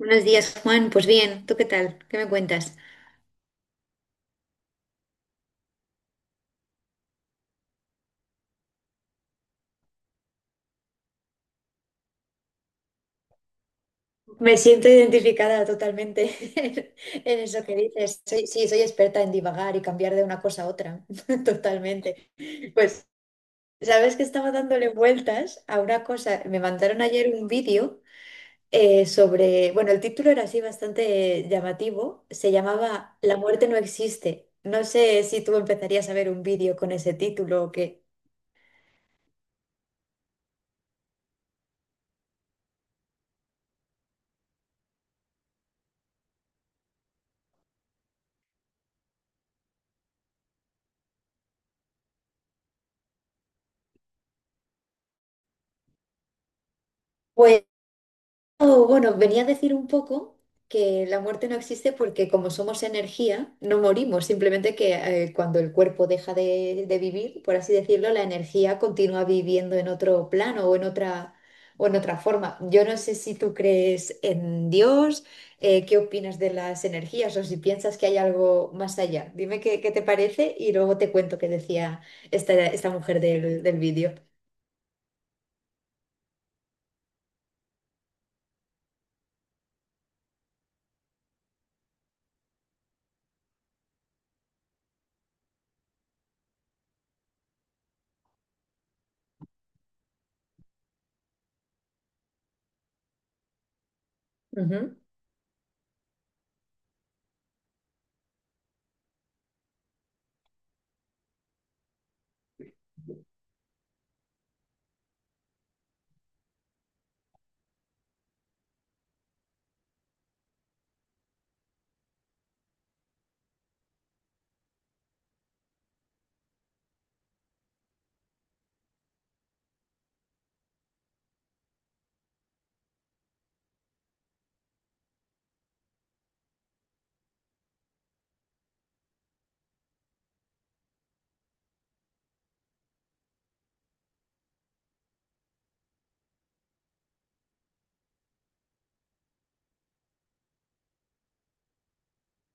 Buenos días, Juan. Pues bien, ¿tú qué tal? ¿Qué me cuentas? Me siento identificada totalmente en, eso que dices. Sí, soy experta en divagar y cambiar de una cosa a otra, totalmente. Pues, ¿sabes que estaba dándole vueltas a una cosa? Me mandaron ayer un vídeo sobre, bueno, el título era así bastante llamativo, se llamaba La muerte no existe. No sé si tú empezarías a ver un vídeo con ese título o qué. Pues, oh, bueno, venía a decir un poco que la muerte no existe porque como somos energía, no morimos, simplemente que cuando el cuerpo deja de vivir, por así decirlo, la energía continúa viviendo en otro plano o en o en otra forma. Yo no sé si tú crees en Dios, qué opinas de las energías o si piensas que hay algo más allá. Dime qué te parece y luego te cuento qué decía esta mujer del vídeo. Ujú.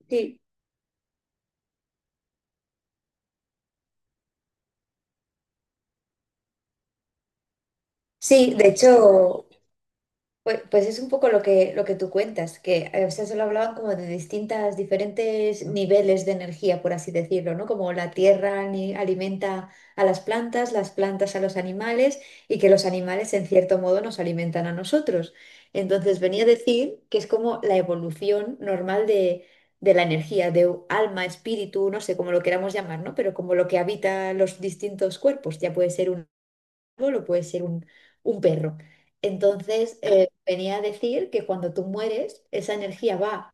Sí. Sí, de hecho... pues es un poco lo que tú cuentas, que o sea, solo hablaban como de distintas, diferentes niveles de energía, por así decirlo, ¿no? Como la tierra alimenta a las plantas a los animales y que los animales en cierto modo nos alimentan a nosotros. Entonces venía a decir que es como la evolución normal de la energía, de alma, espíritu, no sé cómo lo queramos llamar, ¿no? Pero como lo que habita los distintos cuerpos, ya puede ser un árbol o puede ser un perro. Entonces, venía a decir que cuando tú mueres, esa energía va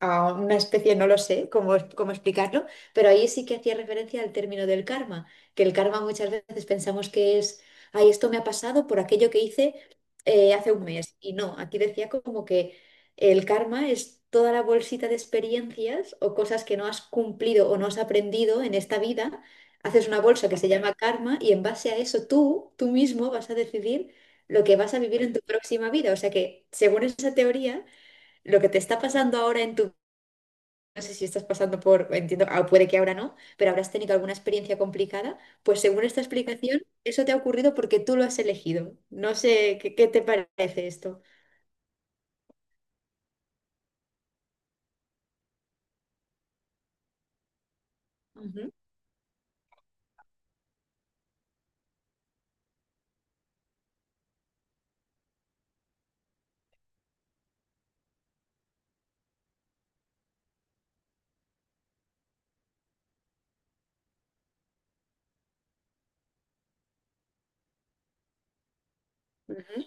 a una especie, no lo sé cómo explicarlo, pero ahí sí que hacía referencia al término del karma, que el karma muchas veces pensamos que es, ay, esto me ha pasado por aquello que hice hace un mes. Y no, aquí decía como que el karma es toda la bolsita de experiencias o cosas que no has cumplido o no has aprendido en esta vida. Haces una bolsa que se llama karma y en base a eso tú mismo vas a decidir lo que vas a vivir en tu próxima vida. O sea que, según esa teoría, lo que te está pasando ahora en tu no sé si estás pasando por, entiendo, ah, puede que ahora no, pero habrás tenido alguna experiencia complicada. Pues según esta explicación, eso te ha ocurrido porque tú lo has elegido. No sé qué te parece esto. Ujú, ujú.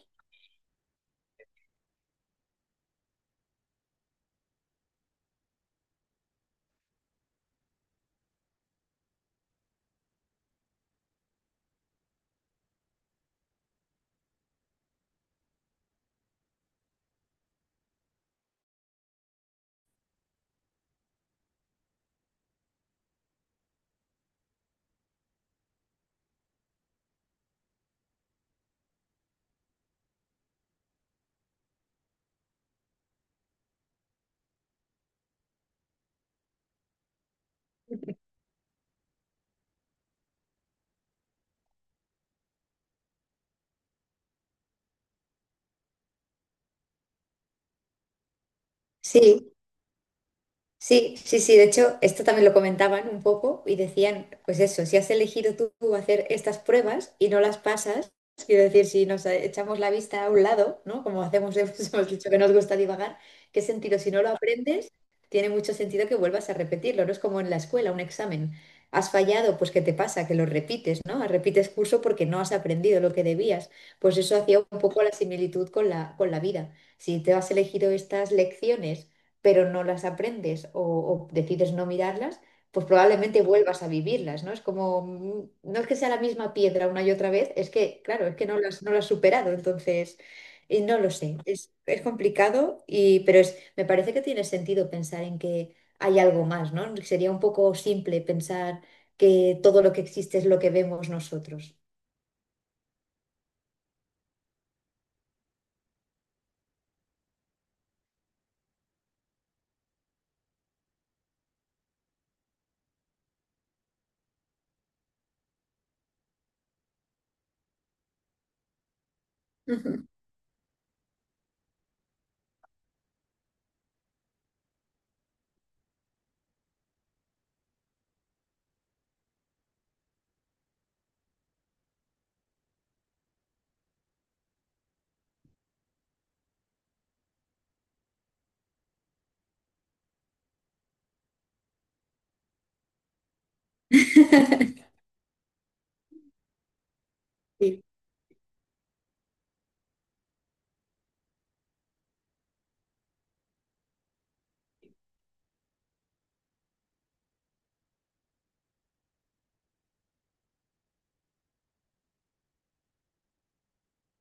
Sí. Sí, sí, sí, de hecho, esto también lo comentaban un poco y decían, pues eso, si has elegido tú hacer estas pruebas y no las pasas, quiero decir, si nos echamos la vista a un lado, ¿no? Como hacemos, hemos dicho que nos gusta divagar, ¿qué sentido? Si no lo aprendes, tiene mucho sentido que vuelvas a repetirlo, ¿no? Es como en la escuela, un examen. Has fallado, pues ¿qué te pasa? Que lo repites, ¿no? Ah, repites curso porque no has aprendido lo que debías. Pues eso hacía un poco la similitud con la vida. Si te has elegido estas lecciones pero no las aprendes o decides no mirarlas, pues probablemente vuelvas a vivirlas, ¿no? Es como, no es que sea la misma piedra una y otra vez, es que, claro, es que no no las has superado, entonces, y no lo sé, es complicado, y, pero es, me parece que tiene sentido pensar en que hay algo más, ¿no? Sería un poco simple pensar que todo lo que existe es lo que vemos nosotros. Ujú. Sí.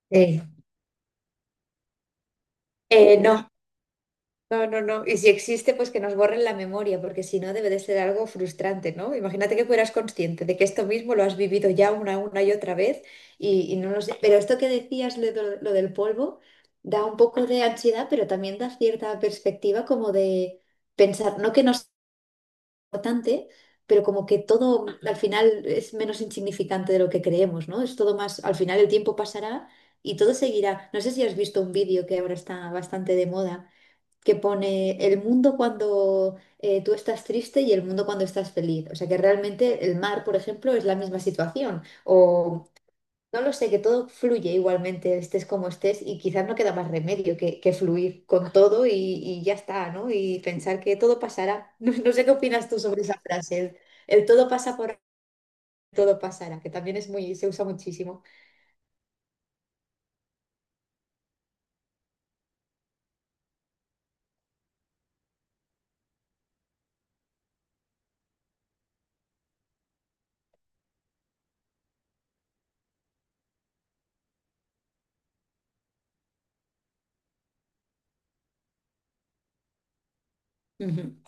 Eh, no, no, no, no. Y si existe, pues que nos borren la memoria, porque si no debe de ser algo frustrante, ¿no? Imagínate que fueras consciente de que esto mismo lo has vivido ya una y otra vez y no lo sé. Pero esto que decías, lo, lo del polvo, da un poco de ansiedad, pero también da cierta perspectiva como de pensar, no que no es importante, pero como que todo al final es menos insignificante de lo que creemos, ¿no? Es todo más, al final el tiempo pasará y todo seguirá. No sé si has visto un vídeo que ahora está bastante de moda que pone el mundo cuando tú estás triste y el mundo cuando estás feliz. O sea que realmente el mar, por ejemplo, es la misma situación. O no lo sé, que todo fluye igualmente, estés como estés, y quizás no queda más remedio que fluir con todo y ya está, ¿no? Y pensar que todo pasará. No, no sé qué opinas tú sobre esa frase, el todo pasa por todo pasará, que también es muy, se usa muchísimo. Ujú.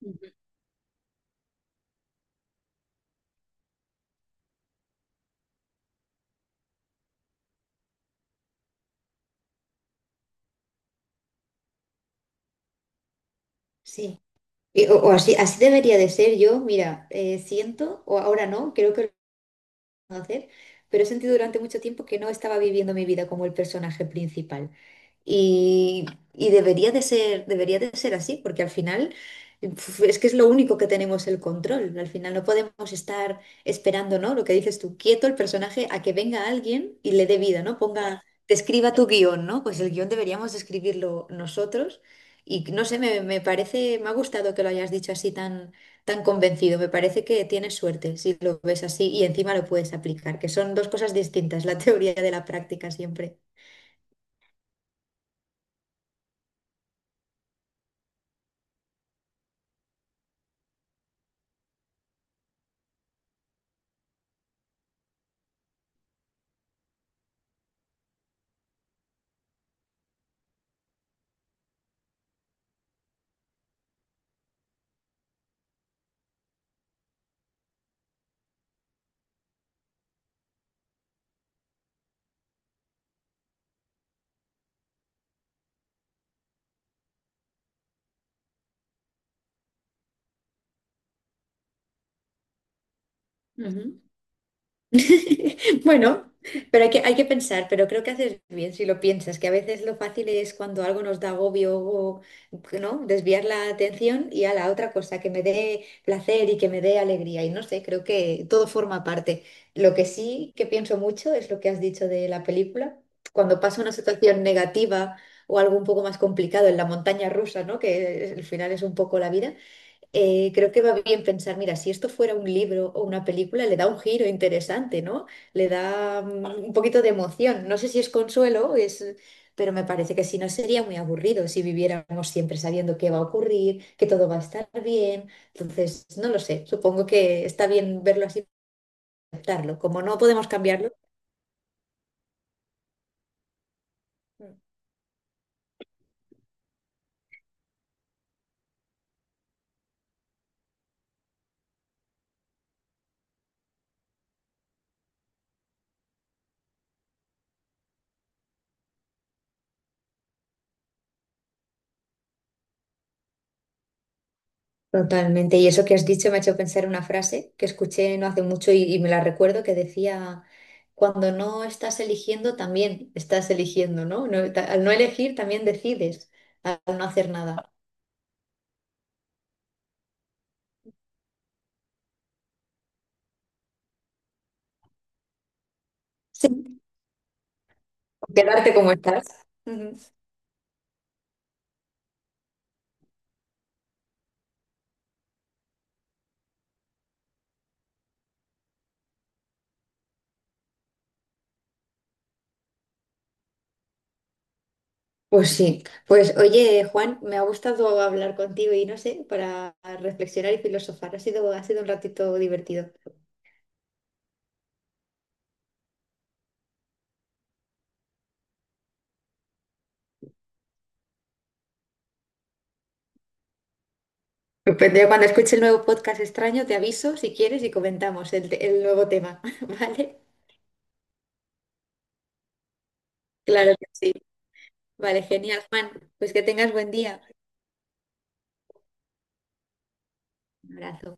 Ujú. Sí. Y- o así, así debería de ser yo, mira, siento, o ahora no, creo que hacer, pero he sentido durante mucho tiempo que no estaba viviendo mi vida como el personaje principal. Y, y debería de ser así, porque al final uf, es que es lo único que tenemos el control. Al final no podemos estar esperando, ¿no? Lo que dices tú, quieto el personaje a que venga alguien y le dé vida, ¿no? Ponga, te escriba tu guión, ¿no? Pues el guión deberíamos escribirlo nosotros. Y no sé, me parece, me ha gustado que lo hayas dicho así tan convencido. Me parece que tienes suerte si lo ves así y encima lo puedes aplicar, que son dos cosas distintas, la teoría de la práctica siempre. Ujú. Bueno, pero hay hay que pensar, pero creo que haces bien si lo piensas, que a veces lo fácil es cuando algo nos da agobio o, ¿no? Desviar la atención y a la otra cosa, que me dé placer y que me dé alegría. Y no sé, creo que todo forma parte. Lo que sí que pienso mucho es lo que has dicho de la película. Cuando pasa una situación negativa o algo un poco más complicado en la montaña rusa, ¿no? Que al final es un poco la vida creo que va bien pensar, mira, si esto fuera un libro o una película, le da un giro interesante, ¿no? Le da un poquito de emoción. No sé si es consuelo, es... pero me parece que si no sería muy aburrido si viviéramos siempre sabiendo qué va a ocurrir, que todo va a estar bien. Entonces, no lo sé, supongo que está bien verlo así, aceptarlo. Como no podemos cambiarlo. Totalmente. Y eso que has dicho me ha hecho pensar en una frase que escuché no hace mucho y me la recuerdo que decía, cuando no estás eligiendo, también estás eligiendo, ¿no? Al no elegir, también decides, al no hacer nada. Sí. Quedarte como estás. Ujú. Pues sí. Pues oye, Juan, me ha gustado hablar contigo y no sé, para reflexionar y filosofar. Ha sido un ratito divertido. Depende. Cuando escuche el nuevo podcast extraño, te aviso si quieres y comentamos el nuevo tema, ¿vale? Claro que sí. Vale, genial, Juan. Pues que tengas buen día. Un abrazo.